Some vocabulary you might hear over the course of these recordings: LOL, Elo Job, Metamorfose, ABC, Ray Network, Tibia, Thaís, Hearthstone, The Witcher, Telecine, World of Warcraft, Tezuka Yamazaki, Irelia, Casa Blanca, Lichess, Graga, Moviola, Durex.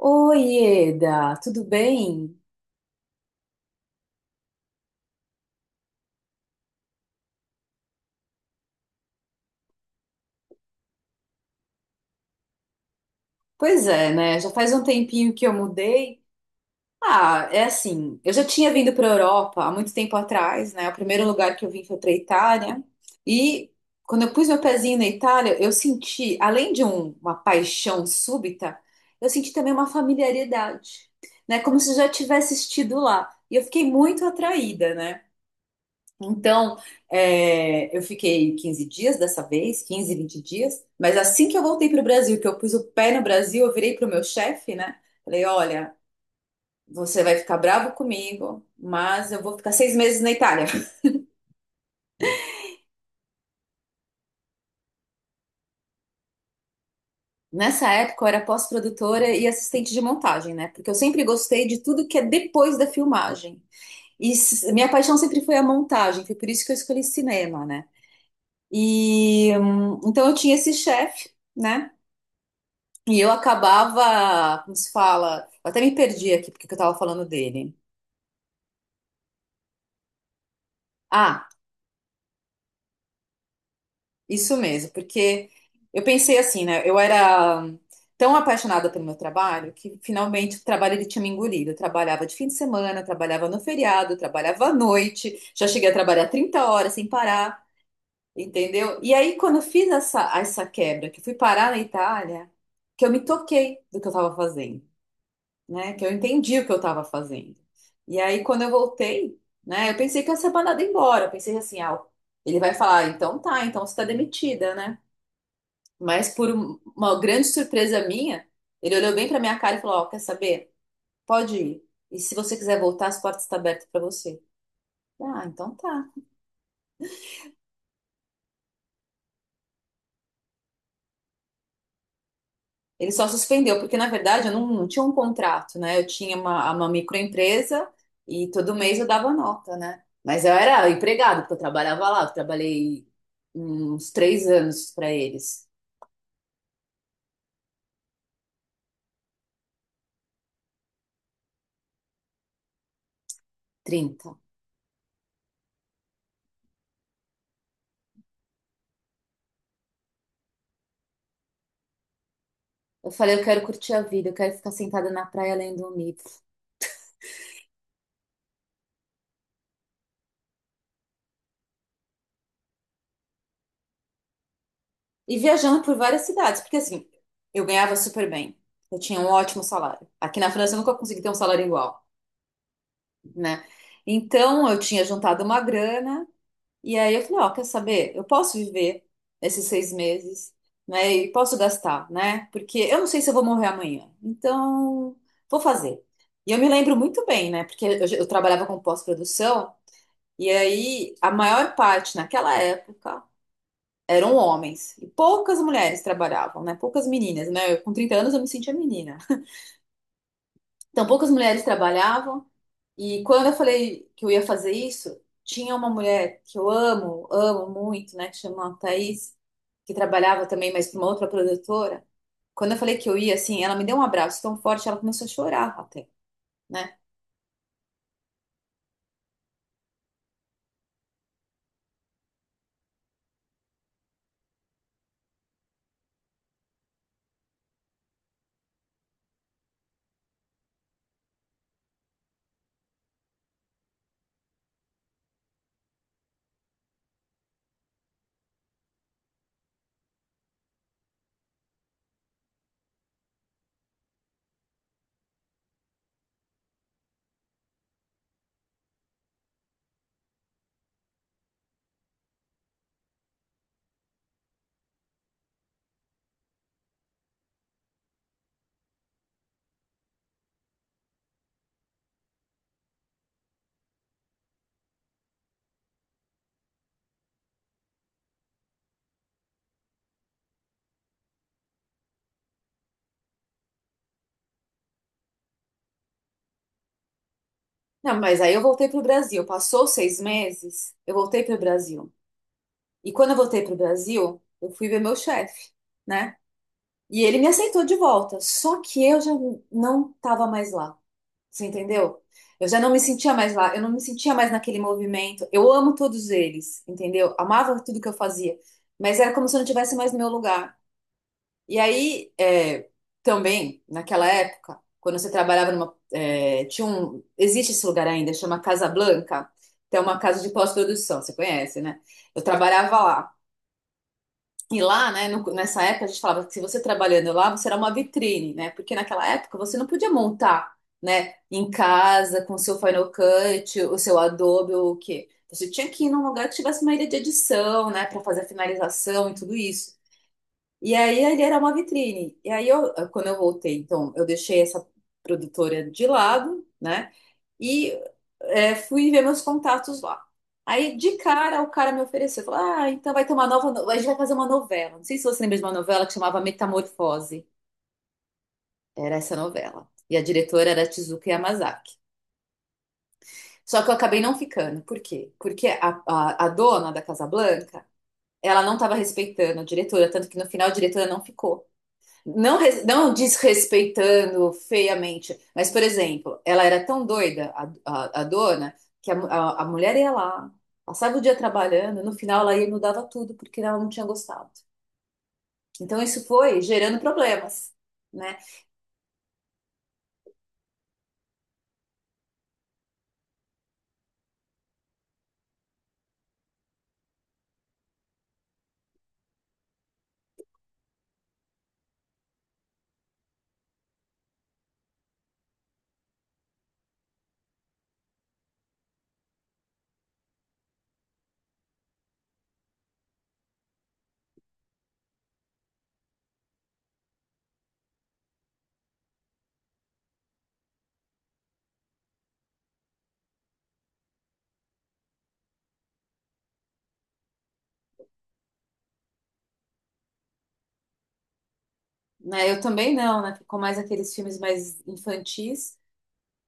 Oi, Eda, tudo bem? Pois é, né? Já faz um tempinho que eu mudei. Ah, é assim, eu já tinha vindo para a Europa há muito tempo atrás, né? O primeiro lugar que eu vim foi para a Itália. E quando eu pus meu pezinho na Itália, eu senti, além de uma paixão súbita, eu senti também uma familiaridade, né? Como se eu já tivesse estido lá. E eu fiquei muito atraída, né? Então, eu fiquei 15 dias dessa vez, 15, 20 dias, mas assim que eu voltei para o Brasil, que eu pus o pé no Brasil, eu virei para o meu chefe, né? Falei: olha, você vai ficar bravo comigo, mas eu vou ficar seis meses na Itália. Nessa época, eu era pós-produtora e assistente de montagem, né? Porque eu sempre gostei de tudo que é depois da filmagem. E minha paixão sempre foi a montagem, foi por isso que eu escolhi cinema, né? E então eu tinha esse chefe. Né? E eu acabava, como se fala, eu até me perdi aqui porque que eu tava falando dele. Ah, isso mesmo, porque eu pensei assim, né? Eu era tão apaixonada pelo meu trabalho que finalmente o trabalho ele tinha me engolido. Eu trabalhava de fim de semana, eu trabalhava no feriado, eu trabalhava à noite, já cheguei a trabalhar 30 horas sem parar, entendeu? E aí quando eu fiz essa quebra, que eu fui parar na Itália, que eu me toquei do que eu tava fazendo. Né? Que eu entendi o que eu estava fazendo. E aí, quando eu voltei, né? Eu pensei que eu ia ser mandada embora. Eu pensei assim, ah, ele vai falar, "Ah, então tá, então você está demitida, né? Mas por uma grande surpresa minha, ele olhou bem para minha cara e falou, ó, quer saber? Pode ir. E se você quiser voltar, as portas estão abertas para você. Ah, então tá. Ele só suspendeu, porque na verdade eu não tinha um contrato, né? Eu tinha uma microempresa e todo mês eu dava nota, né? Mas eu era empregado, porque eu trabalhava lá, eu trabalhei uns três anos para eles, trinta. Eu falei, eu quero curtir a vida, eu quero ficar sentada na praia lendo um livro. E viajando por várias cidades, porque assim, eu ganhava super bem, eu tinha um ótimo salário. Aqui na França eu nunca consegui ter um salário igual, né? Então eu tinha juntado uma grana. E aí eu falei, ó, quer saber? Eu posso viver esses seis meses, né? E posso gastar, né? Porque eu não sei se eu vou morrer amanhã. Então, vou fazer. E eu me lembro muito bem, né? Porque eu trabalhava com pós-produção, e aí a maior parte naquela época eram homens. E poucas mulheres trabalhavam, né? Poucas meninas, né? Eu, com 30 anos eu me sentia menina. Então, poucas mulheres trabalhavam. E quando eu falei que eu ia fazer isso, tinha uma mulher que eu amo, amo muito, né, que chama Thaís, que trabalhava também, mas para uma outra produtora. Quando eu falei que eu ia, assim, ela me deu um abraço tão forte, ela começou a chorar até, né? Não, mas aí eu voltei pro Brasil. Passou seis meses, eu voltei pro Brasil. E quando eu voltei pro Brasil, eu fui ver meu chefe, né? E ele me aceitou de volta, só que eu já não estava mais lá. Você entendeu? Eu já não me sentia mais lá, eu não me sentia mais naquele movimento. Eu amo todos eles, entendeu? Amava tudo que eu fazia, mas era como se eu não tivesse mais no meu lugar. E aí, é, também, naquela época, quando você trabalhava numa. É, tinha um, existe esse lugar ainda, chama Casa Blanca, que é uma casa de pós-produção, você conhece, né? Eu trabalhava lá. E lá, né, nessa época a gente falava que se você trabalhando lá, você era uma vitrine, né? Porque naquela época você não podia montar, né, em casa com o seu Final Cut, o seu Adobe ou o quê. Você tinha que ir num lugar que tivesse uma ilha de edição, né, para fazer a finalização e tudo isso. E aí ele era uma vitrine. E aí eu, quando eu voltei, então, eu deixei essa produtora de lado, né? E é, fui ver meus contatos lá. Aí, de cara, o cara me ofereceu, falou, ah, então vai ter uma nova, a gente vai fazer uma novela. Não sei se você lembra de uma novela que chamava Metamorfose. Era essa novela. E a diretora era Tezuka Yamazaki. Só que eu acabei não ficando. Por quê? Porque a dona da Casa Blanca, ela não estava respeitando a diretora, tanto que no final a diretora não ficou. Não, não desrespeitando feiamente, mas, por exemplo, ela era tão doida, a dona, que a mulher ia lá, passava o dia trabalhando, no final ela ia e mudava tudo porque ela não tinha gostado. Então isso foi gerando problemas, né? Né, eu também não, né? Ficou mais aqueles filmes mais infantis.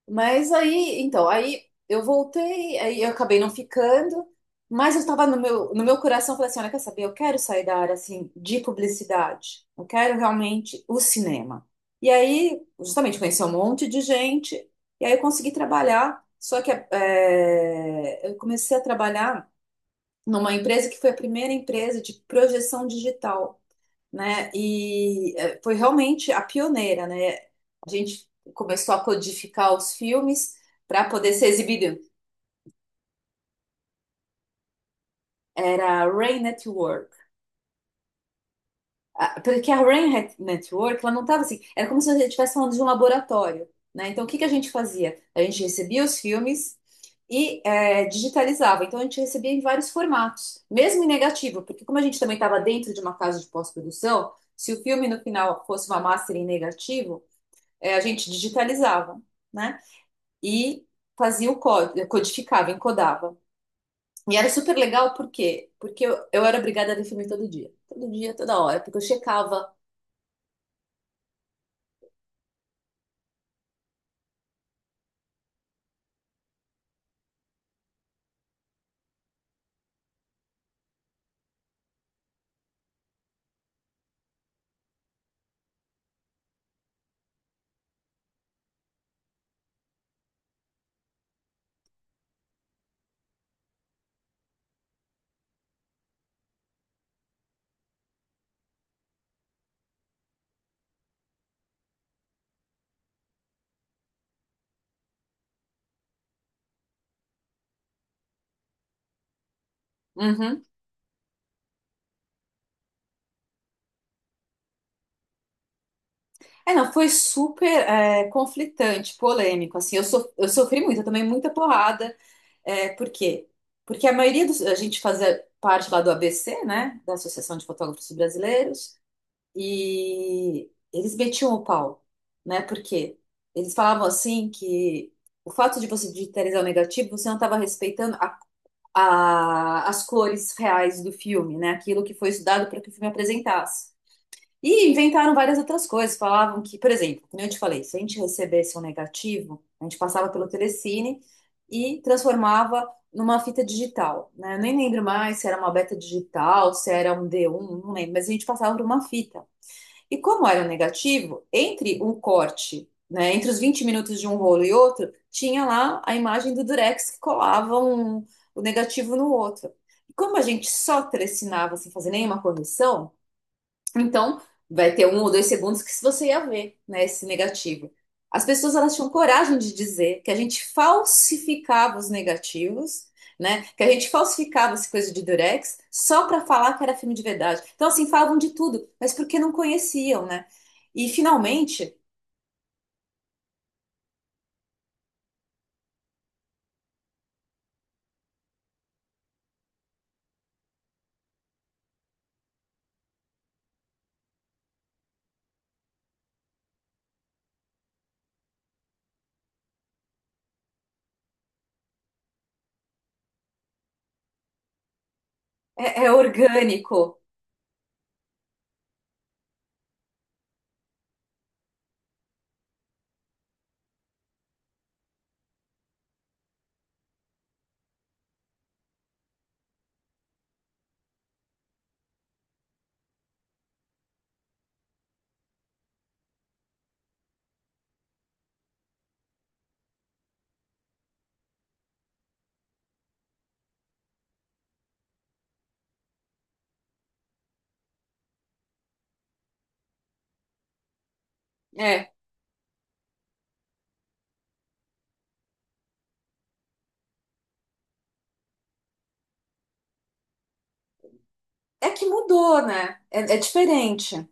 Mas aí, então, aí eu voltei, aí eu acabei não ficando, mas eu estava no meu, no meu coração, eu falei assim, olha, quer saber, eu quero sair da área, assim, de publicidade, eu quero realmente o cinema. E aí, justamente, conheci um monte de gente, e aí eu consegui trabalhar, só que eu comecei a trabalhar numa empresa que foi a primeira empresa de projeção digital, né? E foi realmente a pioneira, né? A gente começou a codificar os filmes para poder ser exibido. Era a Ray Network. Ah, porque a Network, ela não estava assim, era como se você estivesse falando de um laboratório, né? Então, o que que a gente fazia? A gente recebia os filmes e digitalizava. Então, a gente recebia em vários formatos, mesmo em negativo, porque como a gente também estava dentro de uma casa de pós-produção, se o filme no final fosse uma master em negativo, é, a gente digitalizava, né? E fazia o código, codificava, encodava. E era super legal, por quê? Porque eu era obrigada a definir todo dia. Todo dia, toda hora, porque eu checava. Uhum. É, não, foi super é, conflitante, polêmico, assim, eu sofri muito, eu tomei muita porrada, é, por quê? Porque a maioria dos, a gente fazia parte lá do ABC, né, da Associação de Fotógrafos Brasileiros, e eles metiam o pau, né? Porque eles falavam assim que o fato de você digitalizar o negativo, você não estava respeitando as cores reais do filme, né? Aquilo que foi estudado para que o filme apresentasse. E inventaram várias outras coisas. Falavam que, por exemplo, como eu te falei, se a gente recebesse um negativo, a gente passava pelo Telecine e transformava numa fita digital, né? Eu nem lembro mais se era uma beta digital, se era um d um, não lembro, mas a gente passava por uma fita. E como era um negativo, entre um corte, né, entre os 20 minutos de um rolo e outro, tinha lá a imagem do Durex que colava um, o negativo no outro. E como a gente só trecinava sem fazer nenhuma correção, então, vai ter um ou dois segundos que se você ia ver, né, esse negativo. As pessoas elas tinham coragem de dizer que a gente falsificava os negativos, né, que a gente falsificava essa coisa de Durex só para falar que era filme de verdade. Então, assim, falavam de tudo, mas porque não conheciam, né? E finalmente é, é orgânico, é. É que mudou, né? É, é diferente.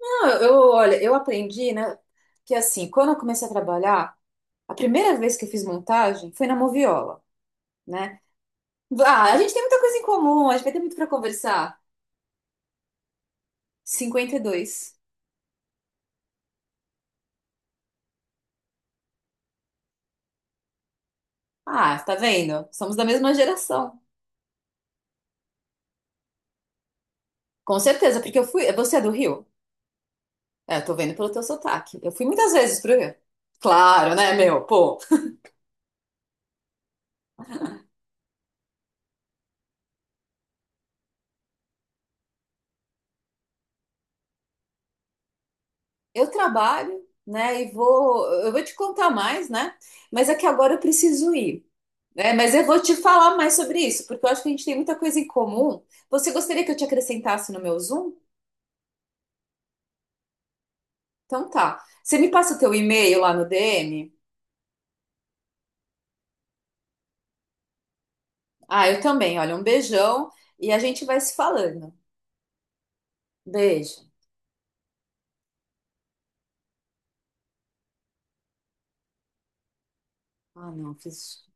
Não, olha, eu aprendi, né, que assim, quando eu comecei a trabalhar, a primeira vez que eu fiz montagem foi na Moviola. Né? Ah, a gente tem muita coisa em comum, a gente vai ter muito para conversar. 52. Ah, tá vendo? Somos da mesma geração. Com certeza, porque eu fui. Você é do Rio? É, eu tô vendo pelo teu sotaque. Eu fui muitas vezes pro Rio. Claro, né, meu? Pô, eu trabalho, né? E vou. Eu vou te contar mais, né? Mas é que agora eu preciso ir. Né? Mas eu vou te falar mais sobre isso, porque eu acho que a gente tem muita coisa em comum. Você gostaria que eu te acrescentasse no meu Zoom? Então tá. Você me passa o teu e-mail lá no DM? Ah, eu também. Olha, um beijão e a gente vai se falando. Beijo. Ah, não, fiz.